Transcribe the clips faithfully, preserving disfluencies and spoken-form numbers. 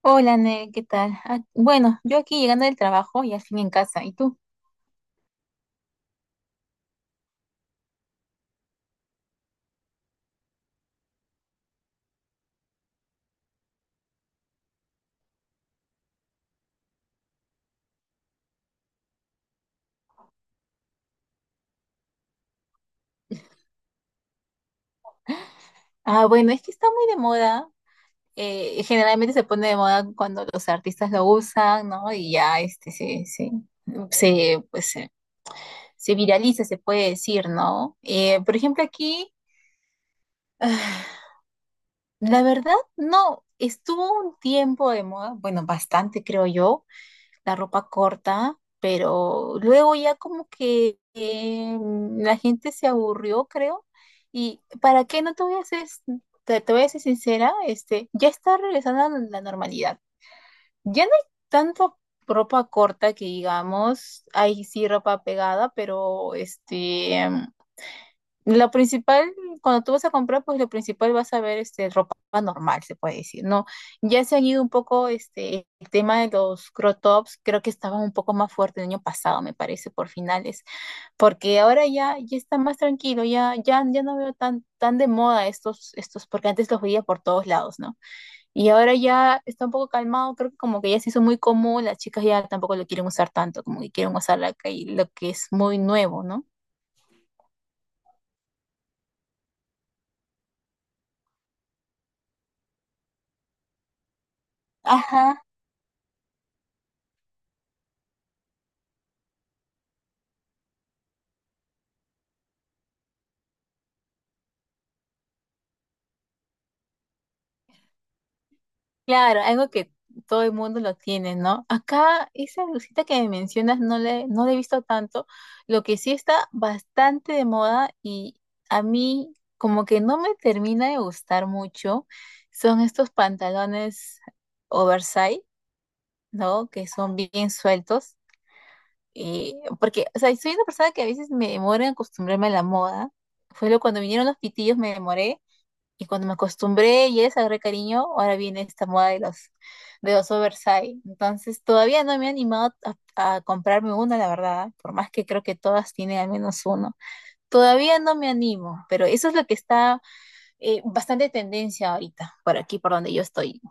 Hola, Nel, ¿qué tal? Ah, bueno, yo aquí llegando del trabajo y al fin en casa. ¿Y tú? Ah, bueno, es que está muy de moda. Eh, generalmente se pone de moda cuando los artistas lo usan, ¿no? Y ya este se, se, se, pues, se, se viraliza, se puede decir, ¿no? Eh, por ejemplo, aquí, ah, la verdad, no, estuvo un tiempo de moda, bueno, bastante creo yo, la ropa corta, pero luego ya como que eh, la gente se aburrió, creo. Y para qué no te voy a ser, te, te voy a ser sincera, este, ya está regresando a la normalidad. Ya no hay tanta ropa corta que digamos, hay sí ropa pegada, pero este lo principal, cuando tú vas a comprar, pues lo principal vas a ver este, ropa normal, se puede decir, ¿no? Ya se han ido un poco este, el tema de los crop tops, creo que estaba un poco más fuerte el año pasado, me parece, por finales, porque ahora ya, ya está más tranquilo, ya, ya, ya no veo tan, tan de moda estos, estos, porque antes los veía por todos lados, ¿no? Y ahora ya está un poco calmado, creo que como que ya se hizo muy común, las chicas ya tampoco lo quieren usar tanto, como que quieren usar la, que- lo que es muy nuevo, ¿no? Ajá. Claro, algo que todo el mundo lo tiene, ¿no? Acá esa blusita que me mencionas no le, no la he visto tanto. Lo que sí está bastante de moda y a mí como que no me termina de gustar mucho son estos pantalones oversize, ¿no? Que son bien sueltos. Y porque, o sea, soy una persona que a veces me demora en acostumbrarme a la moda. Fue lo cuando vinieron los pitillos me demoré y cuando me acostumbré y les agarré cariño, ahora viene esta moda de los, de los oversize. Entonces, todavía no me he animado a, a comprarme una la verdad, por más que creo que todas tienen al menos uno. Todavía no me animo, pero eso es lo que está eh, bastante tendencia ahorita, por aquí, por donde yo estoy.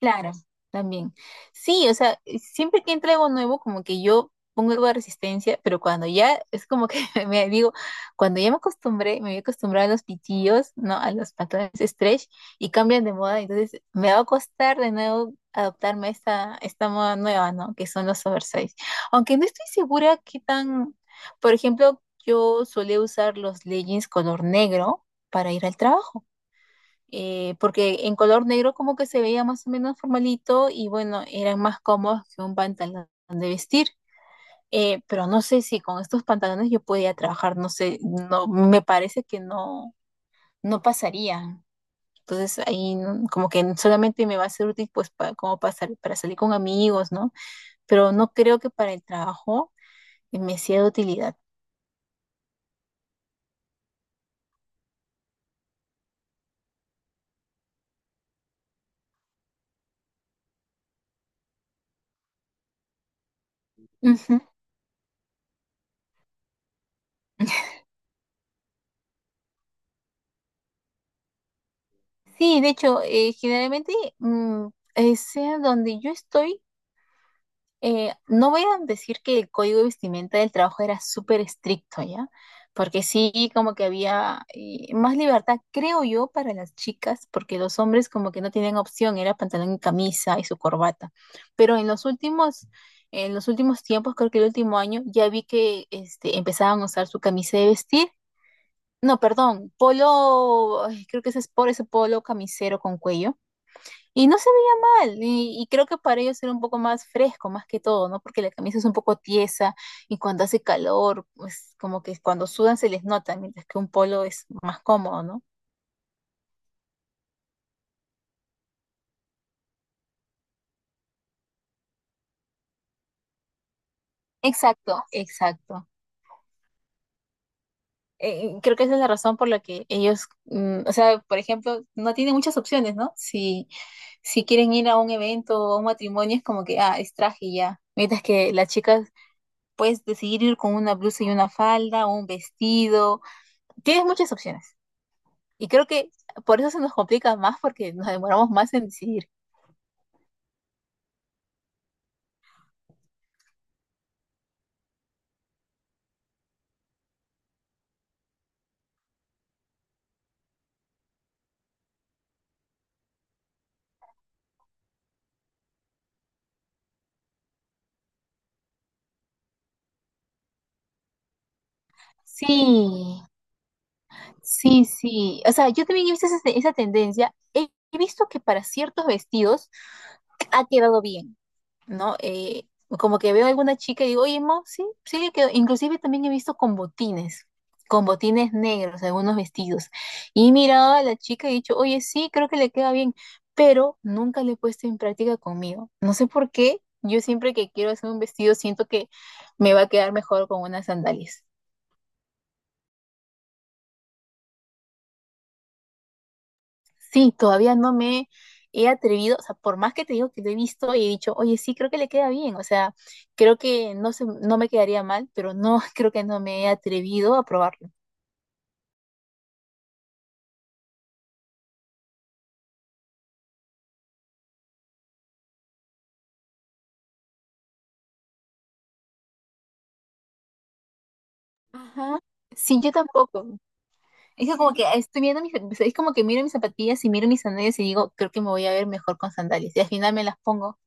Claro, también. Sí, o sea, siempre que entra algo nuevo, como que yo pongo algo de resistencia, pero cuando ya es como que me digo, cuando ya me acostumbré, me había acostumbrado a los pitillos, ¿no? A los patrones stretch y cambian de moda, entonces me va a costar de nuevo adaptarme a esta, esta moda nueva, ¿no? Que son los oversize. Aunque no estoy segura qué tan, por ejemplo, yo solía usar los leggings color negro para ir al trabajo eh, porque en color negro como que se veía más o menos formalito y bueno, eran más cómodos que un pantalón de vestir. Eh, pero no sé si con estos pantalones yo podía trabajar, no sé, no, me parece que no, no pasaría. Entonces ahí no- como que solamente me va a ser útil pues para, como pasar, para salir con amigos, ¿no? Pero no creo que para el trabajo me sea de utilidad. Ujú. Sí, de hecho, eh, generalmente, mm, eh, sea donde yo estoy, Eh, no voy a decir que el código de vestimenta del trabajo era súper estricto, ¿ya? Porque sí, como que había eh, más libertad, creo yo, para las chicas, porque los hombres como que no tenían opción, era pantalón y camisa y su corbata. Pero en los últimos, en los últimos tiempos, creo que el último año, ya vi que este, empezaban a usar su camisa de vestir. No, perdón, polo, ay, creo que ese es por ese polo camisero con cuello y no se veía mal, y, y creo que para ellos era un poco más fresco, más que todo, ¿no? Porque la camisa es un poco tiesa y cuando hace calor, pues como que cuando sudan se les nota, mientras que un polo es más cómodo, ¿no? Exacto, exacto. Eh, creo que esa es la razón por la que ellos, mm, o sea, por ejemplo, no tienen muchas opciones, ¿no? Si, si quieren ir a un evento o a un matrimonio, es como que, ah, es traje y ya. Mientras que las chicas puedes decidir ir con una blusa y una falda o un vestido. Tienes muchas opciones. Y creo que por eso se nos complica más porque nos demoramos más en decidir. Sí, sí, sí. O sea, yo también he visto esa, esa tendencia. He he visto que para ciertos vestidos ha quedado bien, ¿no? Eh, como que veo a alguna chica y digo, oye, Mo, sí, sí le quedó. Inclusive también he visto con botines, con botines negros, algunos vestidos. Y he mirado a la chica y he dicho, oye, sí, creo que le queda bien, pero nunca le he puesto en práctica conmigo. No sé por qué, yo siempre que quiero hacer un vestido siento que me va a quedar mejor con unas sandalias. Sí, todavía no me he atrevido, o sea, por más que te digo que lo he visto y he dicho, oye, sí, creo que le queda bien, o sea, creo que no se, no me quedaría mal, pero no, creo que no me he atrevido a probarlo. Ajá. Sí, yo tampoco. Es que como que sí, estoy viendo mis, o sea, es como que miro mis zapatillas y miro mis sandalias y digo, creo que me voy a ver mejor con sandalias. Y al final me las pongo.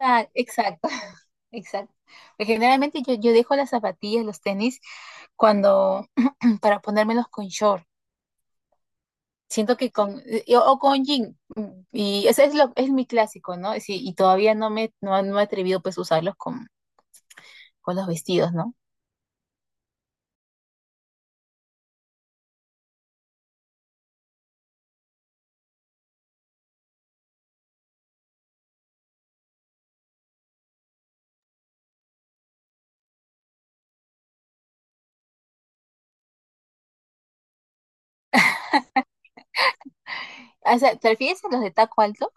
Ah, exacto, exacto. Porque generalmente yo, yo dejo las zapatillas, los tenis, cuando, para ponérmelos con short. Siento que con, y- o con Jin, mm, y ese es lo, es mi clásico, ¿no? Sí, y todavía no me, no, no he atrevido pues a usarlos con, con los vestidos, ¿no? O sea, ¿te refieres a los de taco alto?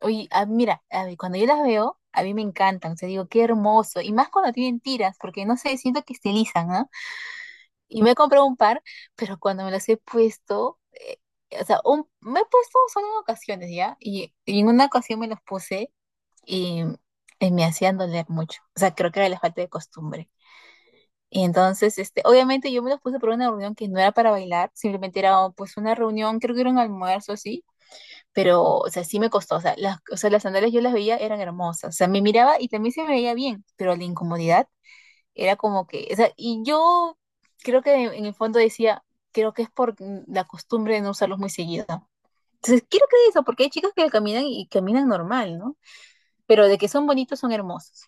Oye, ah, mira, a ver, cuando yo las veo, a mí me encantan, o sea, digo, qué hermoso, y más cuando tienen tiras, porque no sé, siento que estilizan, ¿no? Y me he comprado un par, pero cuando me las he puesto, eh, o sea, un- me he puesto solo en ocasiones, ¿ya? Y, y en una ocasión me los puse y, y me hacían doler mucho, o sea, creo que era la falta de costumbre. Y entonces, este, obviamente yo me los puse por una reunión que no era para bailar, simplemente era oh, pues una reunión, creo que era un almuerzo así, pero, o sea, sí me costó, o sea, las, o sea, las sandalias yo las veía, eran hermosas, o sea, me miraba y también se me veía bien, pero la incomodidad era como que, o sea, y yo creo que en el fondo decía, creo que es por la costumbre de no usarlos muy seguido. Entonces, quiero creer eso, porque hay chicas que caminan y caminan normal, ¿no? Pero de que son bonitos, son hermosos.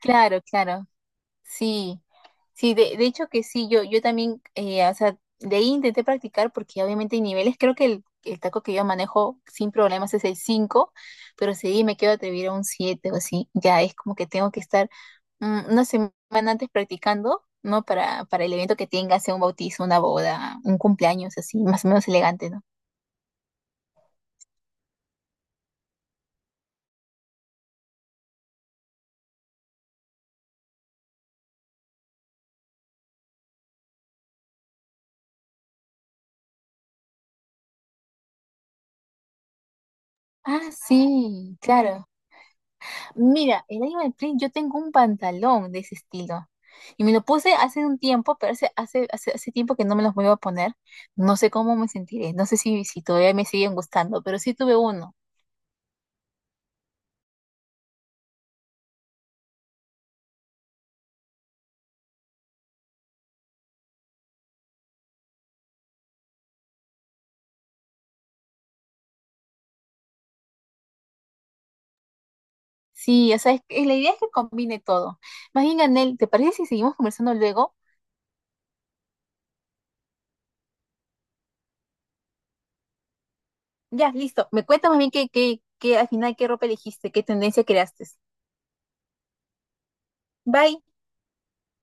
Claro, claro. Sí, sí, de, de hecho que sí, yo, yo también, eh, o sea, de ahí intenté practicar porque obviamente hay niveles, creo que el, el taco que yo manejo sin problemas es el cinco, pero sí me quiero atrever a un siete o así, ya es como que tengo que estar mm, una semana antes practicando, ¿no? Para, para el evento que tenga, sea un bautizo, una boda, un cumpleaños, así, más o menos elegante, ¿no? Ah, sí, claro. Mira, el animal print, yo tengo un pantalón de ese estilo. Y me lo puse hace un tiempo, pero hace, hace, hace, hace tiempo que no me los vuelvo a poner. No sé cómo me sentiré, no sé si, si todavía me siguen gustando, pero sí tuve uno. Sí, o sea, es que- la idea es que combine todo. Más bien, Anel, ¿te parece si seguimos conversando luego? Ya, listo. Me cuentas más bien que, que, que al final qué ropa elegiste, qué tendencia creaste. Bye.